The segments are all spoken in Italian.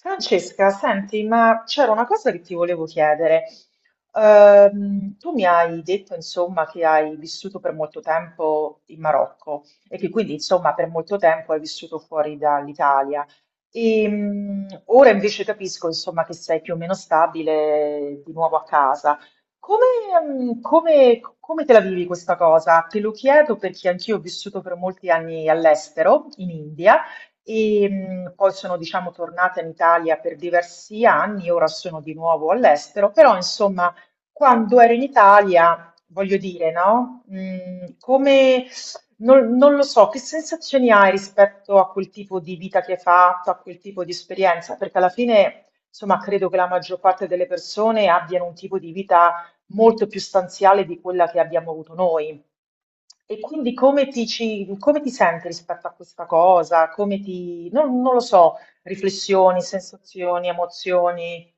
Francesca, senti, ma c'era una cosa che ti volevo chiedere. Tu mi hai detto, insomma, che hai vissuto per molto tempo in Marocco e che quindi, insomma, per molto tempo hai vissuto fuori dall'Italia. E ora invece capisco, insomma, che sei più o meno stabile di nuovo a casa. Come, Come te la vivi questa cosa? Te lo chiedo perché anch'io ho vissuto per molti anni all'estero, in India e poi sono diciamo tornata in Italia per diversi anni, ora sono di nuovo all'estero, però insomma quando ero in Italia, voglio dire, no? Non, non lo so, che sensazioni hai rispetto a quel tipo di vita che hai fatto, a quel tipo di esperienza? Perché alla fine, insomma, credo che la maggior parte delle persone abbiano un tipo di vita molto più stanziale di quella che abbiamo avuto noi. E quindi come come ti senti rispetto a questa cosa? Come ti, non, non lo so, riflessioni, sensazioni, emozioni?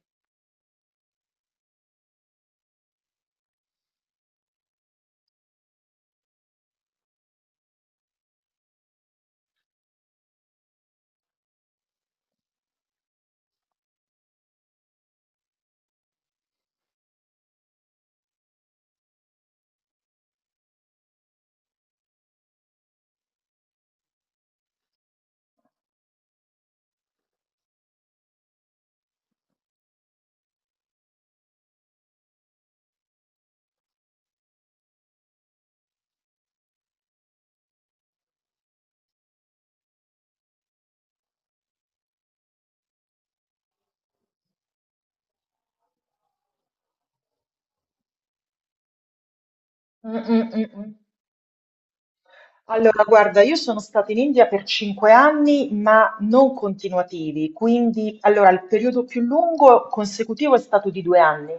Mm, mm, mm, mm. Allora, guarda, io sono stata in India per 5 anni, ma non continuativi, quindi allora, il periodo più lungo consecutivo è stato di 2 anni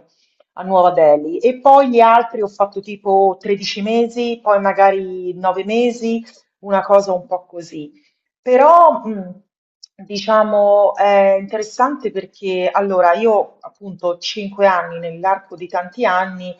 a Nuova Delhi e poi gli altri ho fatto tipo 13 mesi, poi magari 9 mesi, una cosa un po' così. Però, diciamo, è interessante perché allora, io appunto ho 5 anni nell'arco di tanti anni.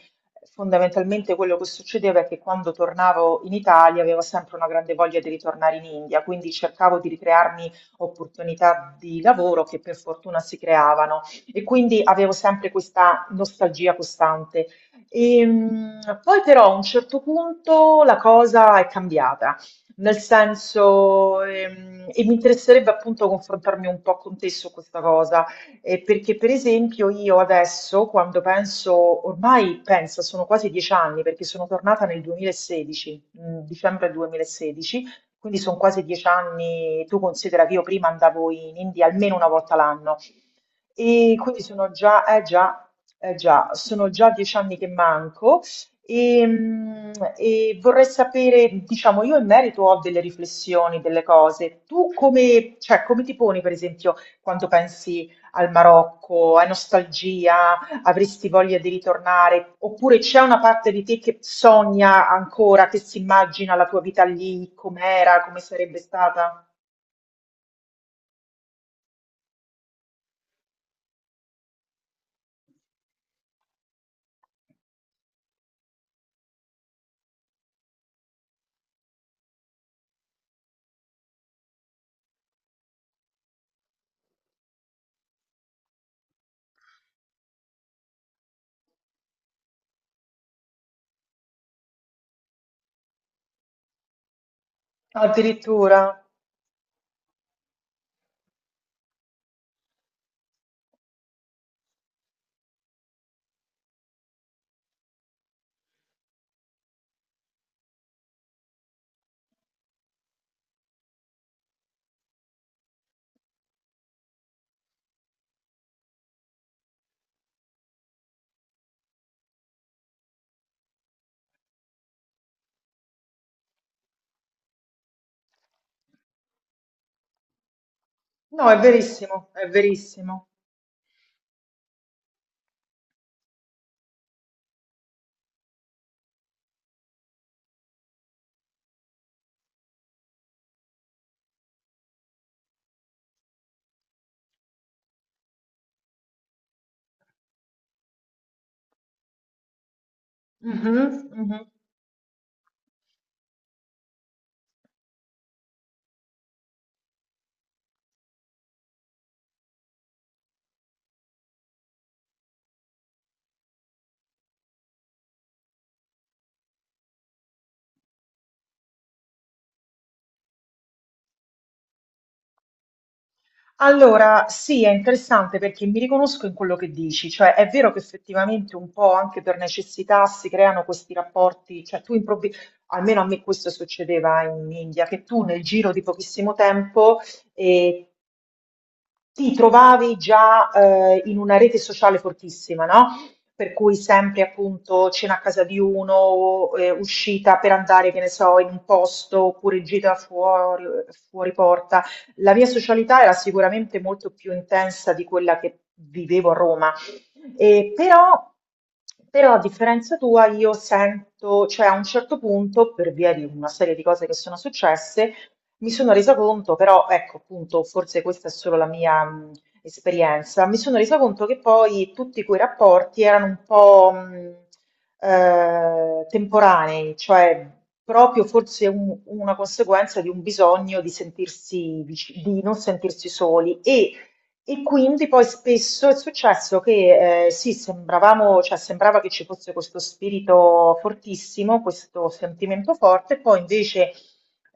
Fondamentalmente quello che succedeva è che quando tornavo in Italia avevo sempre una grande voglia di ritornare in India, quindi cercavo di ricrearmi opportunità di lavoro che per fortuna si creavano e quindi avevo sempre questa nostalgia costante. Poi però a un certo punto la cosa è cambiata, nel senso, e mi interesserebbe appunto confrontarmi un po' con te su questa cosa. Perché per esempio io adesso, quando penso, ormai penso, sono quasi 10 anni, perché sono tornata nel 2016, dicembre 2016, quindi sono quasi 10 anni, tu considera che io prima andavo in India almeno una volta l'anno, e quindi sono già, sono già 10 anni che manco e, mm, e vorrei sapere, diciamo, io in merito ho delle riflessioni, delle cose. Tu come, cioè, come ti poni, per esempio, quando pensi al Marocco? Hai nostalgia? Avresti voglia di ritornare? Oppure c'è una parte di te che sogna ancora, che si immagina la tua vita lì, com'era, come sarebbe stata? Addirittura? No, è verissimo, è verissimo. Mhm, mhm. Allora, sì, è interessante perché mi riconosco in quello che dici, cioè è vero che effettivamente un po' anche per necessità si creano questi rapporti, cioè tu improvvisi, almeno a me questo succedeva in India, che tu nel giro di pochissimo tempo eh, ti trovavi già in una rete sociale fortissima, no? Per cui sempre appunto cena a casa di uno, uscita per andare, che ne so, in un posto oppure gita fuori, fuori porta. La mia socialità era sicuramente molto più intensa di quella che vivevo a Roma. E però, Però, a differenza tua, io sento, cioè a un certo punto, per via di una serie di cose che sono successe, mi sono resa conto, però, ecco, appunto, forse questa è solo la mia esperienza, mi sono resa conto che poi tutti quei rapporti erano un po' temporanei, cioè proprio forse una conseguenza di un bisogno di sentirsi di non sentirsi soli e quindi poi spesso è successo che sì, sembravamo, cioè sembrava che ci fosse questo spirito fortissimo, questo sentimento forte, poi invece,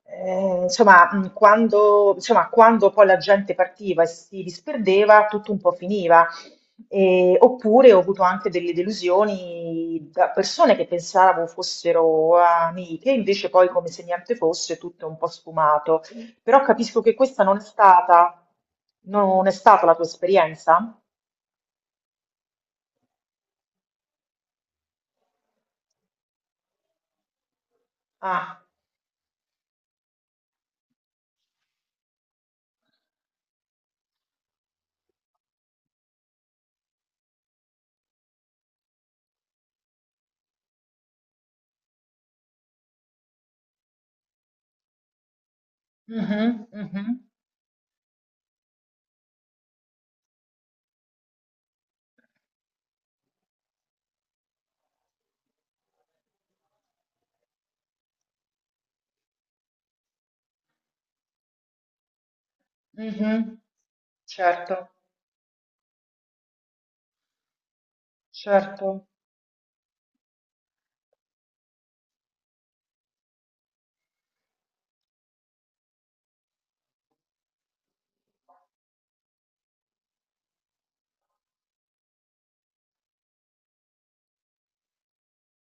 insomma, quando poi la gente partiva e si disperdeva, tutto un po' finiva. Oppure ho avuto anche delle delusioni da persone che pensavo fossero amiche, invece poi come se niente fosse, tutto è un po' sfumato. Però capisco che questa non è stata, non è stata la tua esperienza. Ah, mhm, mhm, mhm. Certo, certo.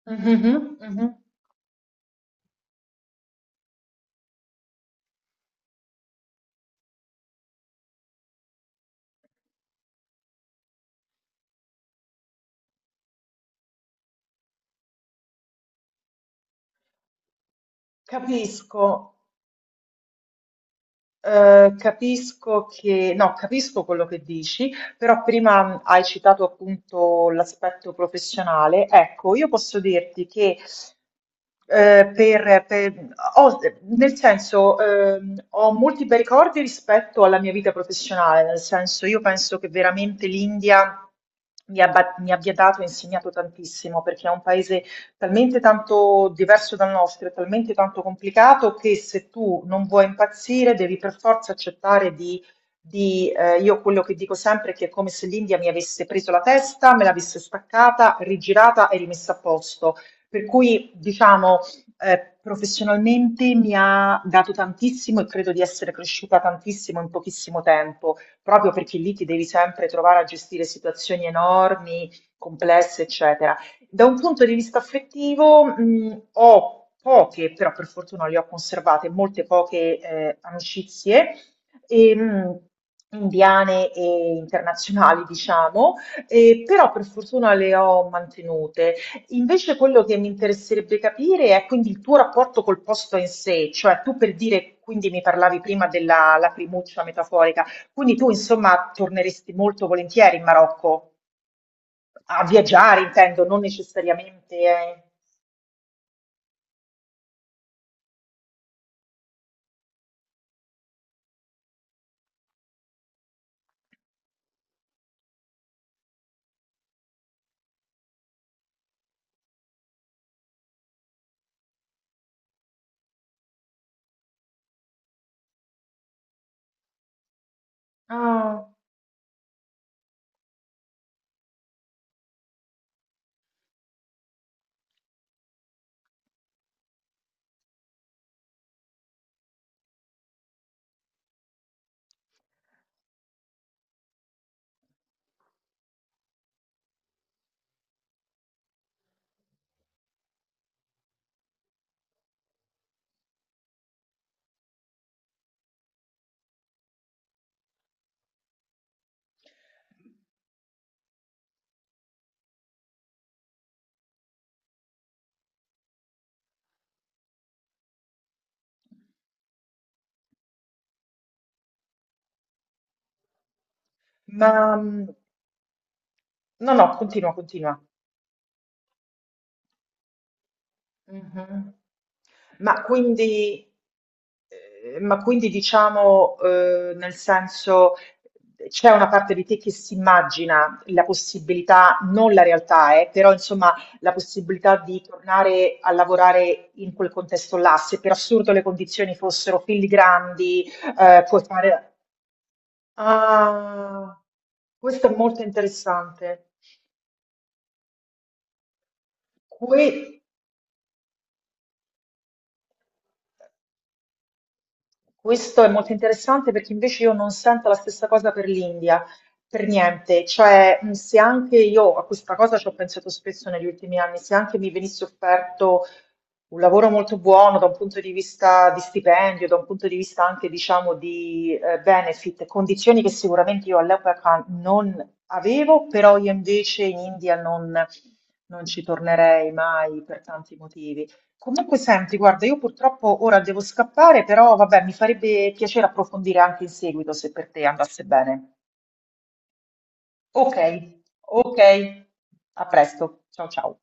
Mhm, mhm. Capisco. Capisco che no, capisco quello che dici, però prima hai citato appunto l'aspetto professionale. Ecco, io posso dirti che eh, per, per- ho- nel senso, ho molti bei ricordi rispetto alla mia vita professionale, nel senso, io penso che veramente l'India mi abbia dato e insegnato tantissimo, perché è un paese talmente tanto diverso dal nostro, è talmente tanto complicato che se tu non vuoi impazzire devi per forza accettare di io quello che dico sempre è che è come se l'India mi avesse preso la testa, me l'avesse staccata, rigirata e rimessa a posto. Per cui, diciamo, professionalmente mi ha dato tantissimo e credo di essere cresciuta tantissimo in pochissimo tempo, proprio perché lì ti devi sempre trovare a gestire situazioni enormi, complesse, eccetera. Da un punto di vista affettivo, ho poche, però per fortuna le ho conservate, molte poche amicizie, e, mh, indiane e internazionali, diciamo, e però per fortuna le ho mantenute. Invece quello che mi interesserebbe capire è quindi il tuo rapporto col posto in sé, cioè tu per dire, quindi mi parlavi prima della lacrimuccia metaforica, quindi tu insomma torneresti molto volentieri in Marocco. A viaggiare intendo, non necessariamente. Eh. Ah, ma mm, no, no, continua, continua. Mhm. Ma quindi, ma quindi diciamo, nel senso, c'è una parte di te che si immagina la possibilità, non la realtà, però insomma, la possibilità di tornare a lavorare in quel contesto là, se per assurdo le condizioni fossero filigrandi, puoi fare. Ah, questo è molto interessante. Que- Questo è molto interessante perché invece io non sento la stessa cosa per l'India, per niente. Cioè, se anche io a questa cosa ci ho pensato spesso negli ultimi anni, se anche mi venisse offerto un lavoro molto buono da un punto di vista di stipendio, da un punto di vista anche, diciamo, di benefit, condizioni che sicuramente io all'epoca non avevo, però io invece in India non non ci tornerei mai per tanti motivi. Comunque, senti, guarda, io purtroppo ora devo scappare, però vabbè, mi farebbe piacere approfondire anche in seguito se per te andasse bene. Ok, ok, a presto. Ciao ciao.